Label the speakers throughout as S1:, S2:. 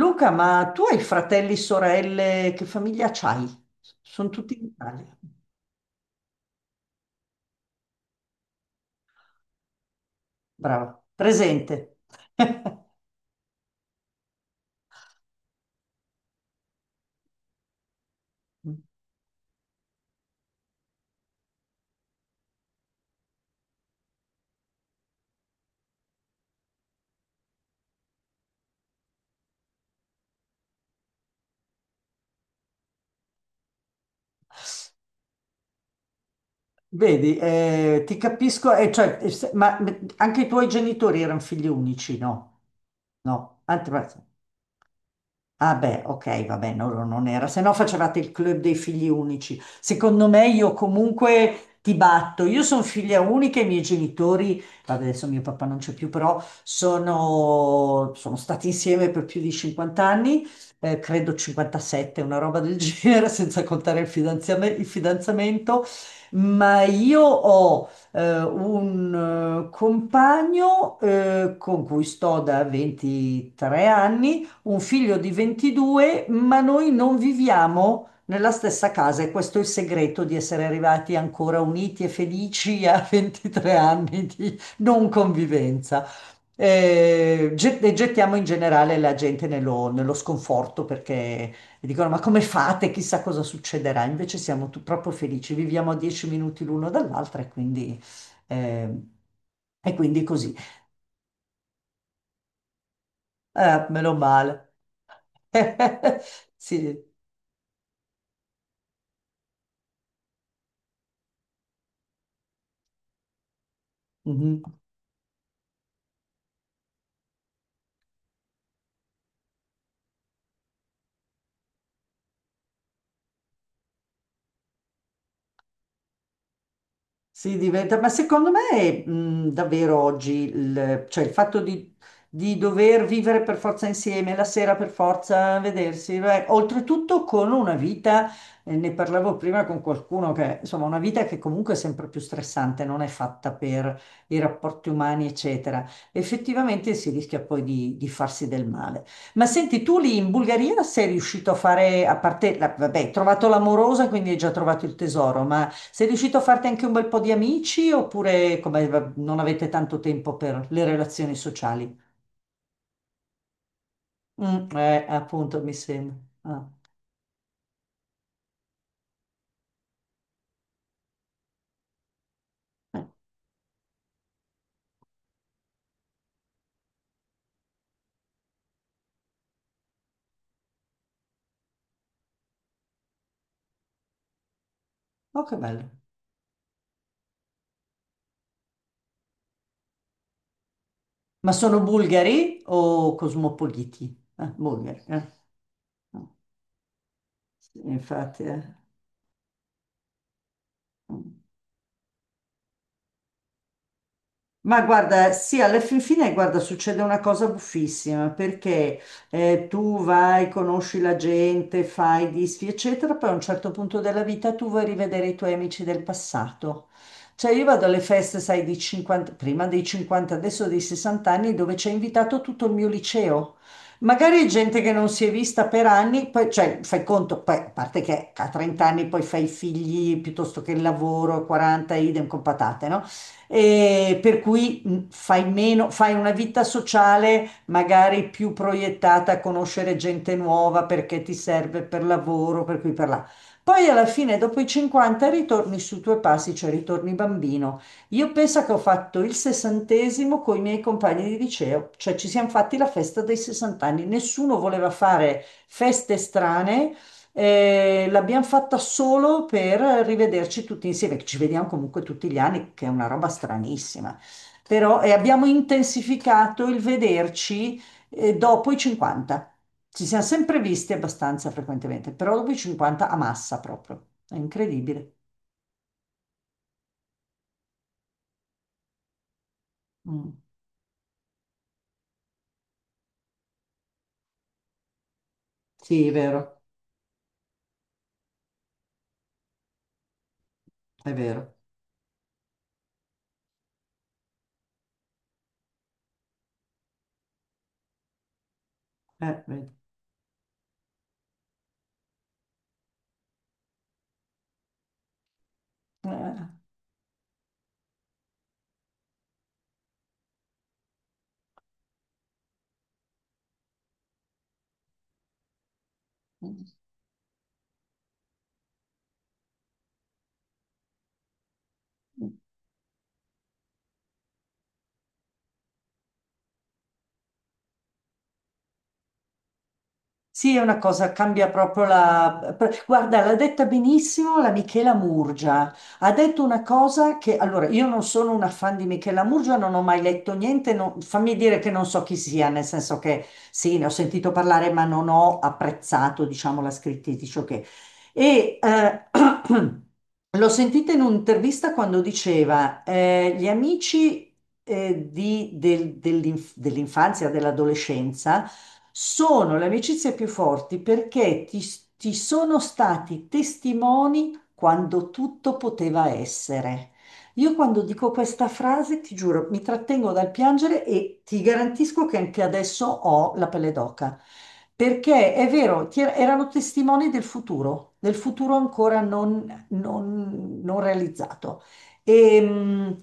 S1: Luca, ma tu hai fratelli, sorelle, che famiglia c'hai? Sono tutti in Italia. Bravo. Presente. Vedi, ti capisco, cioè, ma anche i tuoi genitori erano figli unici, no? No, anzi, basta. Ah beh, ok, vabbè, no, no, non era, se no facevate il club dei figli unici. Secondo me io comunque ti batto, io sono figlia unica, i miei genitori, vabbè, adesso mio papà non c'è più, però sono stati insieme per più di 50 anni, credo 57, una roba del genere, senza contare il il fidanzamento, ma io ho un compagno con cui sto da 23 anni un figlio di 22, ma noi non viviamo nella stessa casa e questo è il segreto di essere arrivati ancora uniti e felici a 23 anni di non convivenza. E gettiamo in generale la gente nello sconforto perché dicono: Ma come fate? Chissà cosa succederà. Invece siamo proprio felici, viviamo a 10 minuti l'uno dall'altro e quindi, eh, e quindi così. Meno male. Sì. Mhm. Si diventa, ma secondo me davvero oggi cioè il fatto di dover vivere per forza insieme, la sera per forza vedersi, beh, oltretutto con una vita, ne parlavo prima con qualcuno, che insomma una vita che comunque è sempre più stressante, non è fatta per i rapporti umani, eccetera. Effettivamente si rischia poi di farsi del male. Ma senti, tu lì in Bulgaria sei riuscito a fare, a parte, vabbè, hai trovato l'amorosa, quindi hai già trovato il tesoro, ma. Sei riuscito a farti anche un bel po' di amici oppure come, non avete tanto tempo per le relazioni sociali? Mm, appunto, mi sembra. Ah, eh. Oh, che bello. Ma sono bulgari o cosmopoliti? Bulgari, eh. Ah, sì, infatti, eh. Mm. Ma guarda, sì, alla fin fine, guarda, succede una cosa buffissima perché tu vai, conosci la gente, fai disfi, eccetera, poi a un certo punto della vita tu vuoi rivedere i tuoi amici del passato. Cioè io vado alle feste, sai, di 50, prima dei 50, adesso dei 60 anni, dove c'è invitato tutto il mio liceo. Magari gente che non si è vista per anni, poi, cioè, fai conto, poi, a parte che a 30 anni poi fai i figli piuttosto che il lavoro, a 40, idem con patate, no? E per cui fai meno, fai una vita sociale magari più proiettata a conoscere gente nuova perché ti serve per lavoro, per qui per là. Poi alla fine, dopo i 50, ritorni sui tuoi passi, cioè ritorni bambino. Io penso che ho fatto il sessantesimo con i miei compagni di liceo, cioè ci siamo fatti la festa dei 60 anni. Nessuno voleva fare feste strane, l'abbiamo fatta solo per rivederci tutti insieme, che ci vediamo comunque tutti gli anni, che è una roba stranissima. Però e abbiamo intensificato il vederci dopo i 50. Ci siamo sempre visti abbastanza frequentemente, però dopo i 50 a massa proprio. È incredibile. Mm. Sì, è vero, è vero. Vedi. Eh. Sì, è una cosa, cambia proprio la. Guarda, l'ha detta benissimo la Michela Murgia. Ha detto una cosa che. Allora, io non sono una fan di Michela Murgia, non ho mai letto niente, fammi dire che non so chi sia, nel senso che sì, ne ho sentito parlare, ma non ho apprezzato, diciamo, la scrittrice, ok. E l'ho sentita in un'intervista quando diceva, gli amici, dell'infanzia, dell'adolescenza, sono le amicizie più forti perché ti sono stati testimoni quando tutto poteva essere. Io quando dico questa frase, ti giuro, mi trattengo dal piangere e ti garantisco che anche adesso ho la pelle d'oca. Perché è vero, ti erano testimoni del futuro ancora non realizzato. E, mh,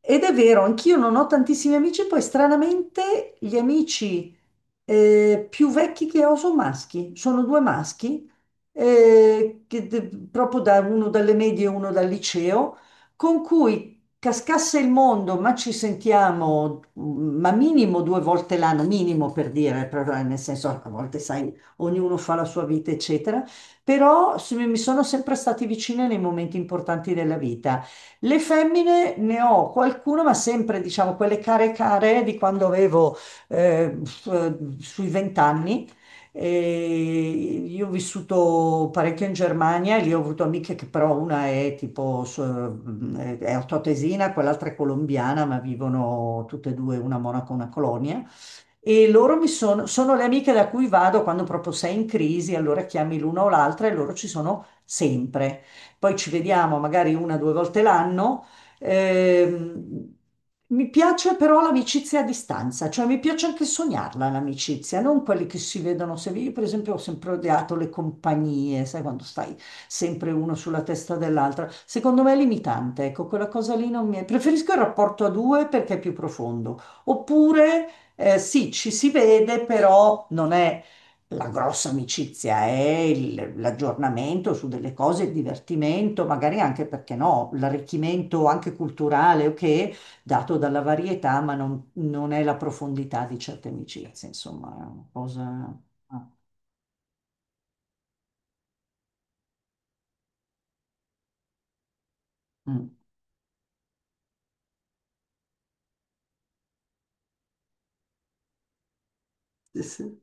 S1: Ed è vero, anch'io non ho tantissimi amici, poi stranamente gli amici, più vecchi che ho sono maschi, sono due maschi, eh, che de- proprio da uno dalle medie e uno dal liceo con cui cascasse il mondo, ma ci sentiamo, ma minimo due volte l'anno, minimo per dire, nel senso a volte sai, ognuno fa la sua vita, eccetera, però mi sono sempre stati vicine nei momenti importanti della vita. Le femmine ne ho qualcuna, ma sempre, diciamo, quelle care care di quando avevo sui vent'anni e io ho vissuto parecchio in Germania e lì ho avuto amiche che però una è tipo è altoatesina, quell'altra è colombiana, ma vivono tutte e due, una a Monaco e una a Colonia. E loro sono le amiche da cui vado quando proprio sei in crisi, allora chiami l'una o l'altra e loro ci sono sempre. Poi ci vediamo magari una o due volte l'anno. Ehm, Mi piace però l'amicizia a distanza, cioè mi piace anche sognarla l'amicizia, non quelli che si vedono sempre. Io, per esempio, ho sempre odiato le compagnie, sai, quando stai sempre uno sulla testa dell'altra. Secondo me è limitante, ecco, quella cosa lì non mi è. Preferisco il rapporto a due perché è più profondo. Oppure, sì, ci si vede, però non è la grossa amicizia, è l'aggiornamento su delle cose, il divertimento, magari anche perché no, l'arricchimento anche culturale, ok, dato dalla varietà, ma non, non è la profondità di certe amicizie, insomma, è una cosa. Ah, mm. Sì, sì,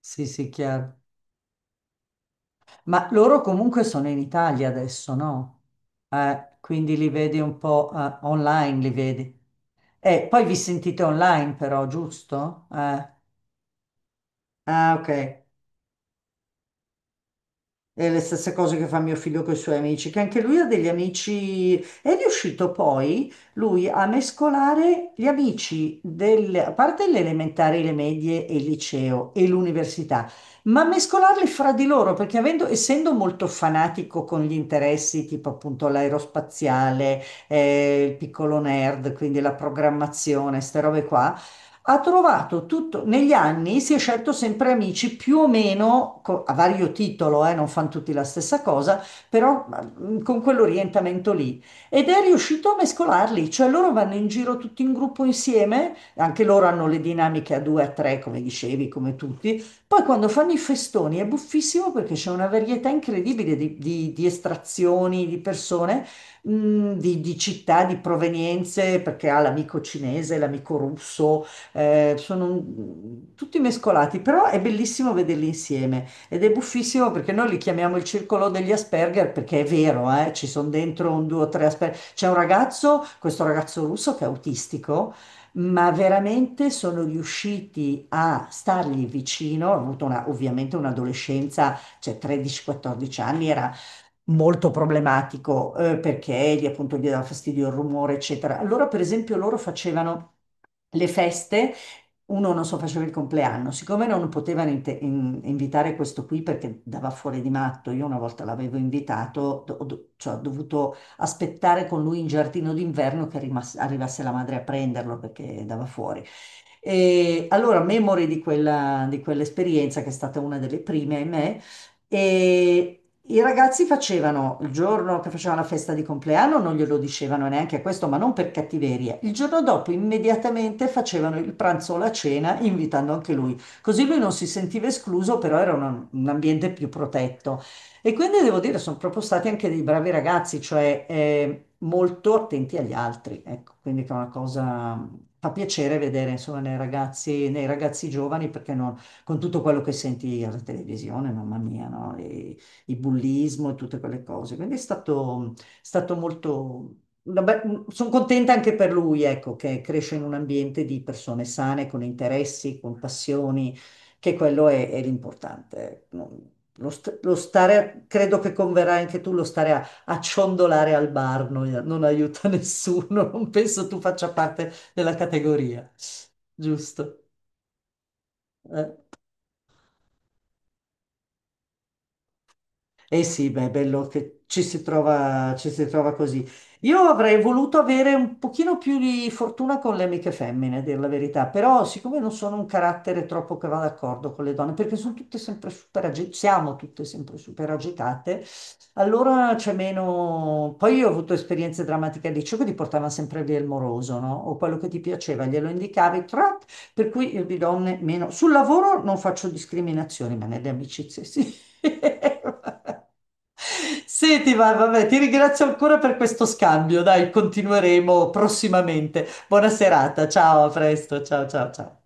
S1: sì, sì, chiaro. Ma loro comunque sono in Italia adesso, no? Quindi li vedi un po', online, li vedi. E poi vi sentite online però, giusto? Ah, ok. E le stesse cose che fa mio figlio con i suoi amici, che anche lui ha degli amici. È riuscito poi lui a mescolare gli amici del, a parte le elementari, le medie e il liceo e l'università, ma mescolarli fra di loro, perché avendo, essendo molto fanatico con gli interessi, tipo appunto l'aerospaziale, il piccolo nerd, quindi la programmazione, queste robe qua. Ha trovato tutto, negli anni si è scelto sempre amici più o meno a vario titolo, non fanno tutti la stessa cosa, però con quell'orientamento lì. Ed è riuscito a mescolarli, cioè loro vanno in giro tutti in gruppo insieme, anche loro hanno le dinamiche a due, a tre, come dicevi, come tutti. Poi quando fanno i festoni è buffissimo perché c'è una varietà incredibile di estrazioni, di persone, di città, di provenienze, perché ha l'amico cinese, l'amico russo, tutti mescolati, però è bellissimo vederli insieme ed è buffissimo perché noi li chiamiamo il circolo degli Asperger perché è vero, ci sono dentro un, due o tre Asperger. C'è un ragazzo, questo ragazzo russo che è autistico, ma veramente sono riusciti a stargli vicino, ha avuto ovviamente un'adolescenza, cioè 13-14 anni, era molto problematico, perché gli, appunto gli dava fastidio il rumore, eccetera. Allora, per esempio, loro facevano le feste. Uno non so, faceva il compleanno, siccome non potevano invitare questo qui perché dava fuori di matto, io una volta l'avevo invitato, cioè, ho dovuto aspettare con lui in giardino d'inverno che arrivasse la madre a prenderlo perché dava fuori. E allora, memore di quella, di quell'esperienza, che è stata una delle prime, ahimè, e i ragazzi facevano il giorno che facevano la festa di compleanno, non glielo dicevano neanche questo, ma non per cattiveria. Il giorno dopo immediatamente facevano il pranzo o la cena, invitando anche lui. Così lui non si sentiva escluso, però era un ambiente più protetto. E quindi devo dire, sono proprio stati anche dei bravi ragazzi, cioè molto attenti agli altri. Ecco, quindi che è una cosa, fa piacere vedere insomma nei ragazzi giovani, perché non, con tutto quello che senti alla televisione, mamma mia, no? E il bullismo e tutte quelle cose. Quindi è stato molto. Sono contenta anche per lui, ecco, che cresce in un ambiente di persone sane, con interessi, con passioni, che quello è l'importante. Ecco. Lo stare, credo che converrai anche tu, lo stare a, a ciondolare al bar non aiuta nessuno, non penso tu faccia parte della categoria, giusto? Eh sì, beh, è bello che ci si trova così. Io avrei voluto avere un pochino più di fortuna con le amiche femmine, a dir la verità, però siccome non sono un carattere troppo che va d'accordo con le donne, perché sono tutte sempre super agitate, siamo tutte sempre super agitate, allora c'è meno. Poi io ho avuto esperienze drammatiche al liceo che ti portavano sempre via il moroso, no? O quello che ti piaceva, glielo indicavi, per cui io di donne meno. Sul lavoro non faccio discriminazioni, ma nelle amicizie sì. Senti, vabbè, ti ringrazio ancora per questo scambio. Dai, continueremo prossimamente. Buona serata, ciao, a presto, ciao, ciao, ciao.